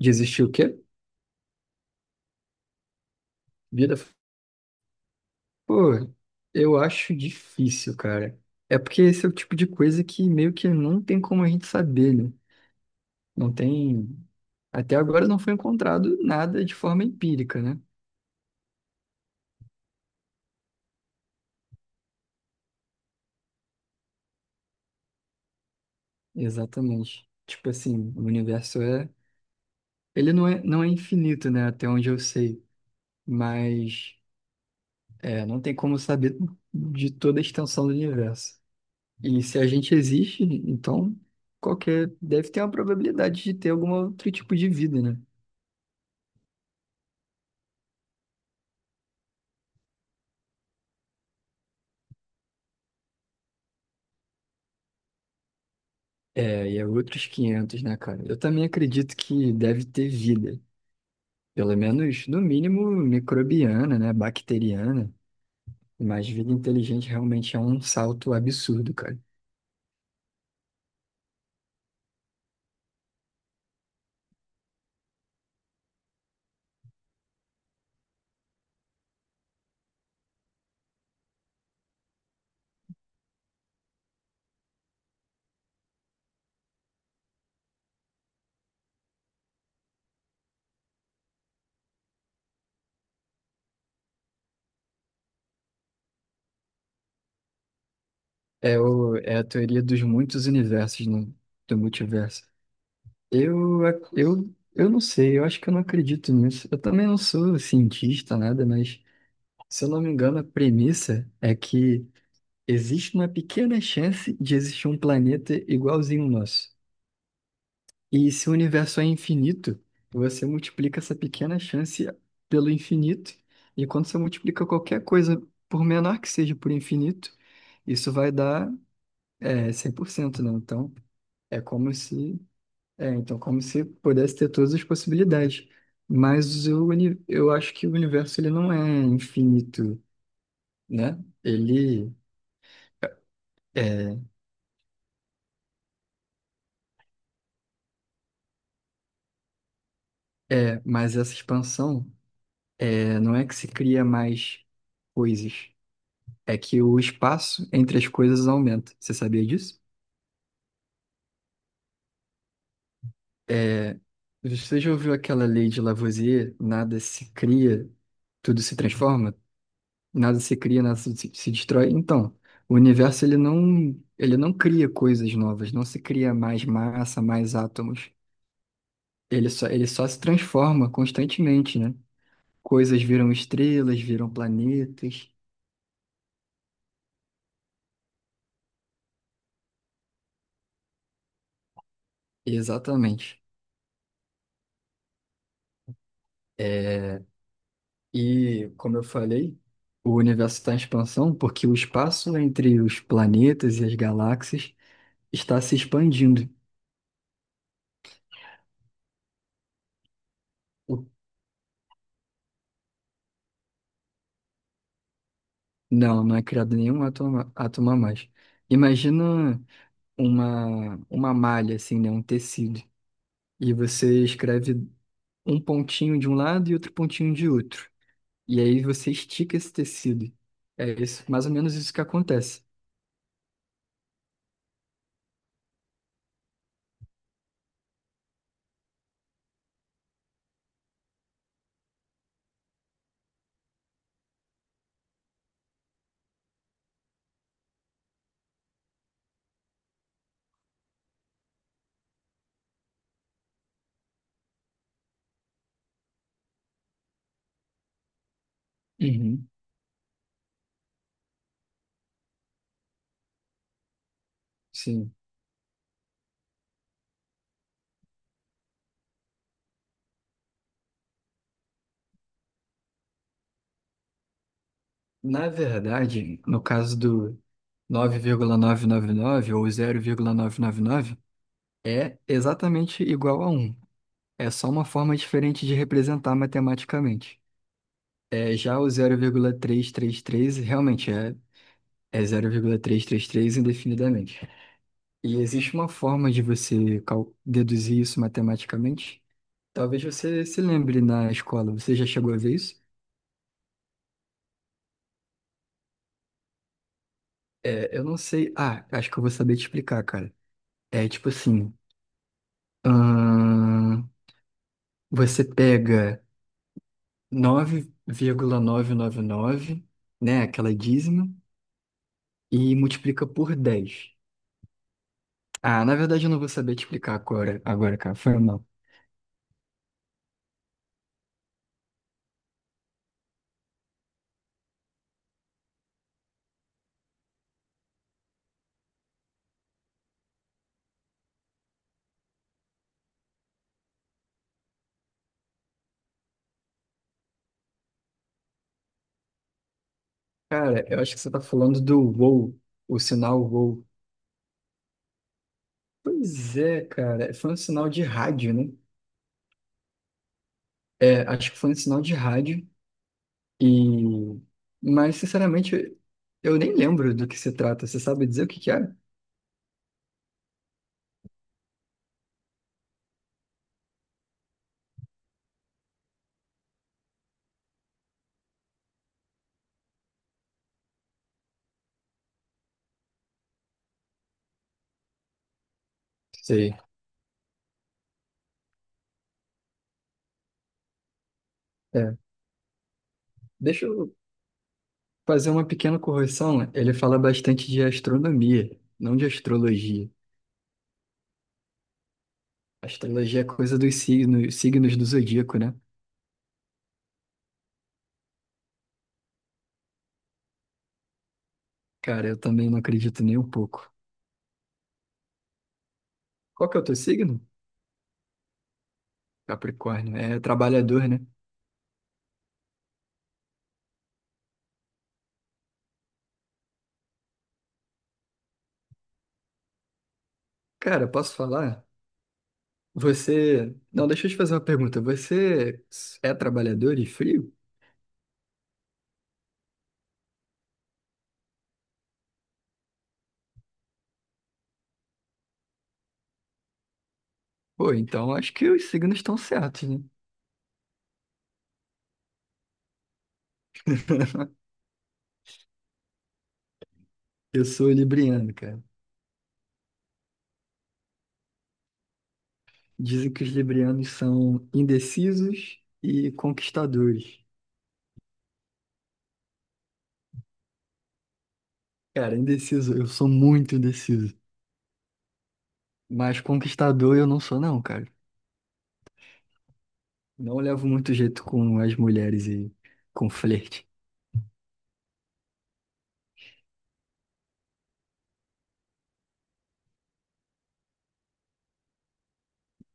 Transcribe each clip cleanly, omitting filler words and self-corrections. De existir o quê? Vida. Pô, eu acho difícil, cara. É porque esse é o tipo de coisa que meio que não tem como a gente saber, né? Não tem. Até agora não foi encontrado nada de forma empírica, né? Exatamente. Tipo assim, o universo é. Ele não é infinito, né? Até onde eu sei. Mas não tem como saber de toda a extensão do universo. E se a gente existe, então qualquer. Deve ter uma probabilidade de ter algum outro tipo de vida, né? É, e é outros 500, né, cara? Eu também acredito que deve ter vida. Pelo menos, no mínimo, microbiana, né? Bacteriana. Mas vida inteligente realmente é um salto absurdo, cara. É, é a teoria dos muitos universos, né? Do multiverso. Eu não sei, eu acho que eu não acredito nisso. Eu também não sou cientista, nada, mas se eu não me engano, a premissa é que existe uma pequena chance de existir um planeta igualzinho ao nosso. E se o universo é infinito, você multiplica essa pequena chance pelo infinito, e quando você multiplica qualquer coisa, por menor que seja, por infinito, isso vai dar 100%, né? Então, é como se, como se pudesse ter todas as possibilidades. Mas eu acho que o universo ele não é infinito, né? Ele é, mas essa expansão não é que se cria mais coisas. É que o espaço entre as coisas aumenta. Você sabia disso? É, você já ouviu aquela lei de Lavoisier? Nada se cria, tudo se transforma. Nada se cria, nada se destrói. Então, o universo ele não cria coisas novas, não se cria mais massa, mais átomos. Ele só se transforma constantemente, né? Coisas viram estrelas, viram planetas. Exatamente. É, E, como eu falei, o universo está em expansão porque o espaço entre os planetas e as galáxias está se expandindo. O- Não, não é criado nenhum átomo, átomo a mais. Imagina uma malha, assim, né? Um tecido. E você escreve um pontinho de um lado e outro pontinho de outro. E aí você estica esse tecido. É isso, mais ou menos isso que acontece. Uhum. Sim. Na verdade, no caso do, 9,999 ou 0,999 é exatamente igual a um. É só uma forma diferente de representar matematicamente. Já o 0,333 realmente é 0,333 indefinidamente. E existe uma forma de você deduzir isso matematicamente? Talvez você se lembre na escola. Você já chegou a ver isso? É, eu não sei. Ah, acho que eu vou saber te explicar, cara. É tipo assim. ahn, você pega, 9,999, né? Aquela dízima, e multiplica por 10. Ah, na verdade eu não vou saber te explicar agora, agora, cara. Foi mal. Cara, eu acho que você tá falando do WoW, o sinal WoW. Pois é, cara, foi um sinal de rádio, né? É, acho que foi um sinal de rádio e... Mas, sinceramente, eu nem lembro do que se trata. Você sabe dizer o que que era? Sei. É. Deixa eu fazer uma pequena correção, ele fala bastante de astronomia, não de astrologia. Astrologia é coisa dos signos, signos do zodíaco, né? Cara, eu também não acredito nem um pouco. Qual que é o teu signo? Capricórnio. É trabalhador, né? Cara, posso falar? Você. Não, deixa eu te fazer uma pergunta. Você é trabalhador e frio? Pô, então acho que os signos estão certos, né? Eu sou libriano, cara. Dizem que os librianos são indecisos e conquistadores. Cara, indeciso, eu sou muito indeciso. Mas conquistador eu não sou, não, cara. Não levo muito jeito com as mulheres e com flerte.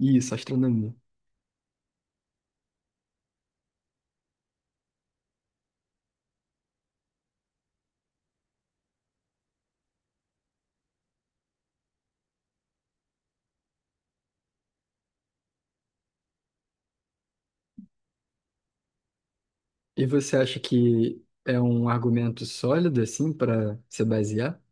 Isso, astronomia. E você acha que é um argumento sólido, assim, para se basear?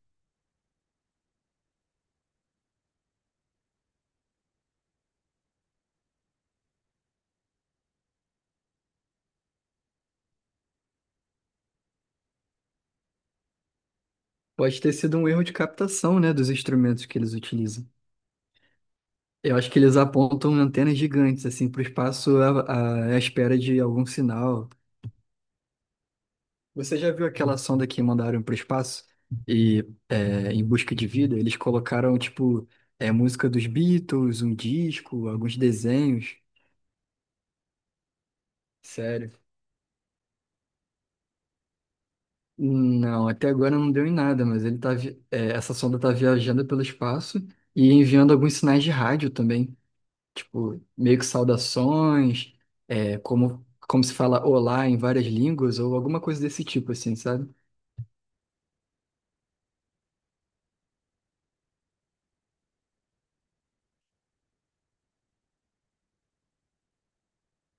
Pode ter sido um erro de captação, né, dos instrumentos que eles utilizam. Eu acho que eles apontam antenas gigantes, assim, para o espaço à espera de algum sinal. Você já viu aquela sonda que mandaram para o espaço e em busca de vida eles colocaram tipo música dos Beatles, um disco, alguns desenhos? Sério? Não, até agora não deu em nada, mas ele essa sonda tá viajando pelo espaço e enviando alguns sinais de rádio também, tipo meio que saudações, como se fala olá em várias línguas ou alguma coisa desse tipo assim, sabe?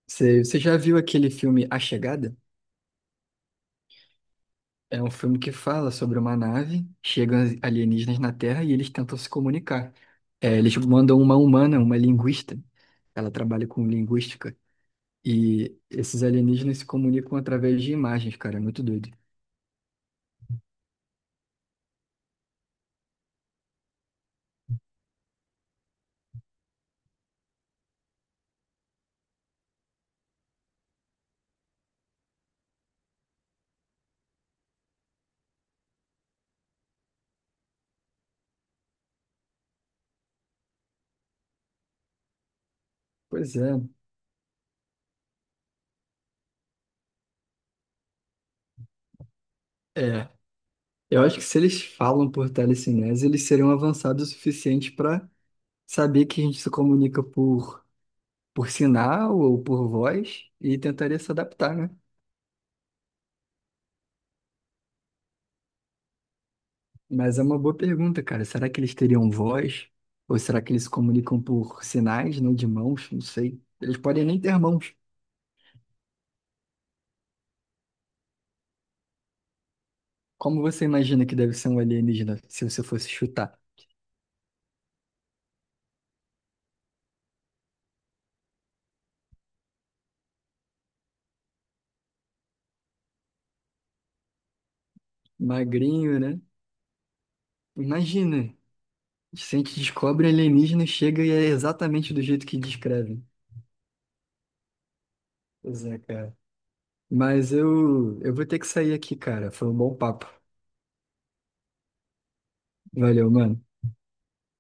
Você já viu aquele filme A Chegada? É um filme que fala sobre uma nave, chegam alienígenas na Terra e eles tentam se comunicar. É, eles mandam uma humana, uma linguista, ela trabalha com linguística, e esses alienígenas se comunicam através de imagens, cara, é muito doido. Pois é. Eu acho que se eles falam por telecinese, eles seriam avançados o suficiente para saber que a gente se comunica por sinal ou por voz e tentaria se adaptar, né? Mas é uma boa pergunta, cara. Será que eles teriam voz? Ou será que eles se comunicam por sinais, não de mãos? Não sei. Eles podem nem ter mãos. Como você imagina que deve ser um alienígena, se você fosse chutar? Magrinho, né? Imagina. Se a gente descobre alienígena, chega e é exatamente do jeito que descrevem. Pois é, cara. Mas eu vou ter que sair aqui, cara. Foi um bom papo. Valeu, mano.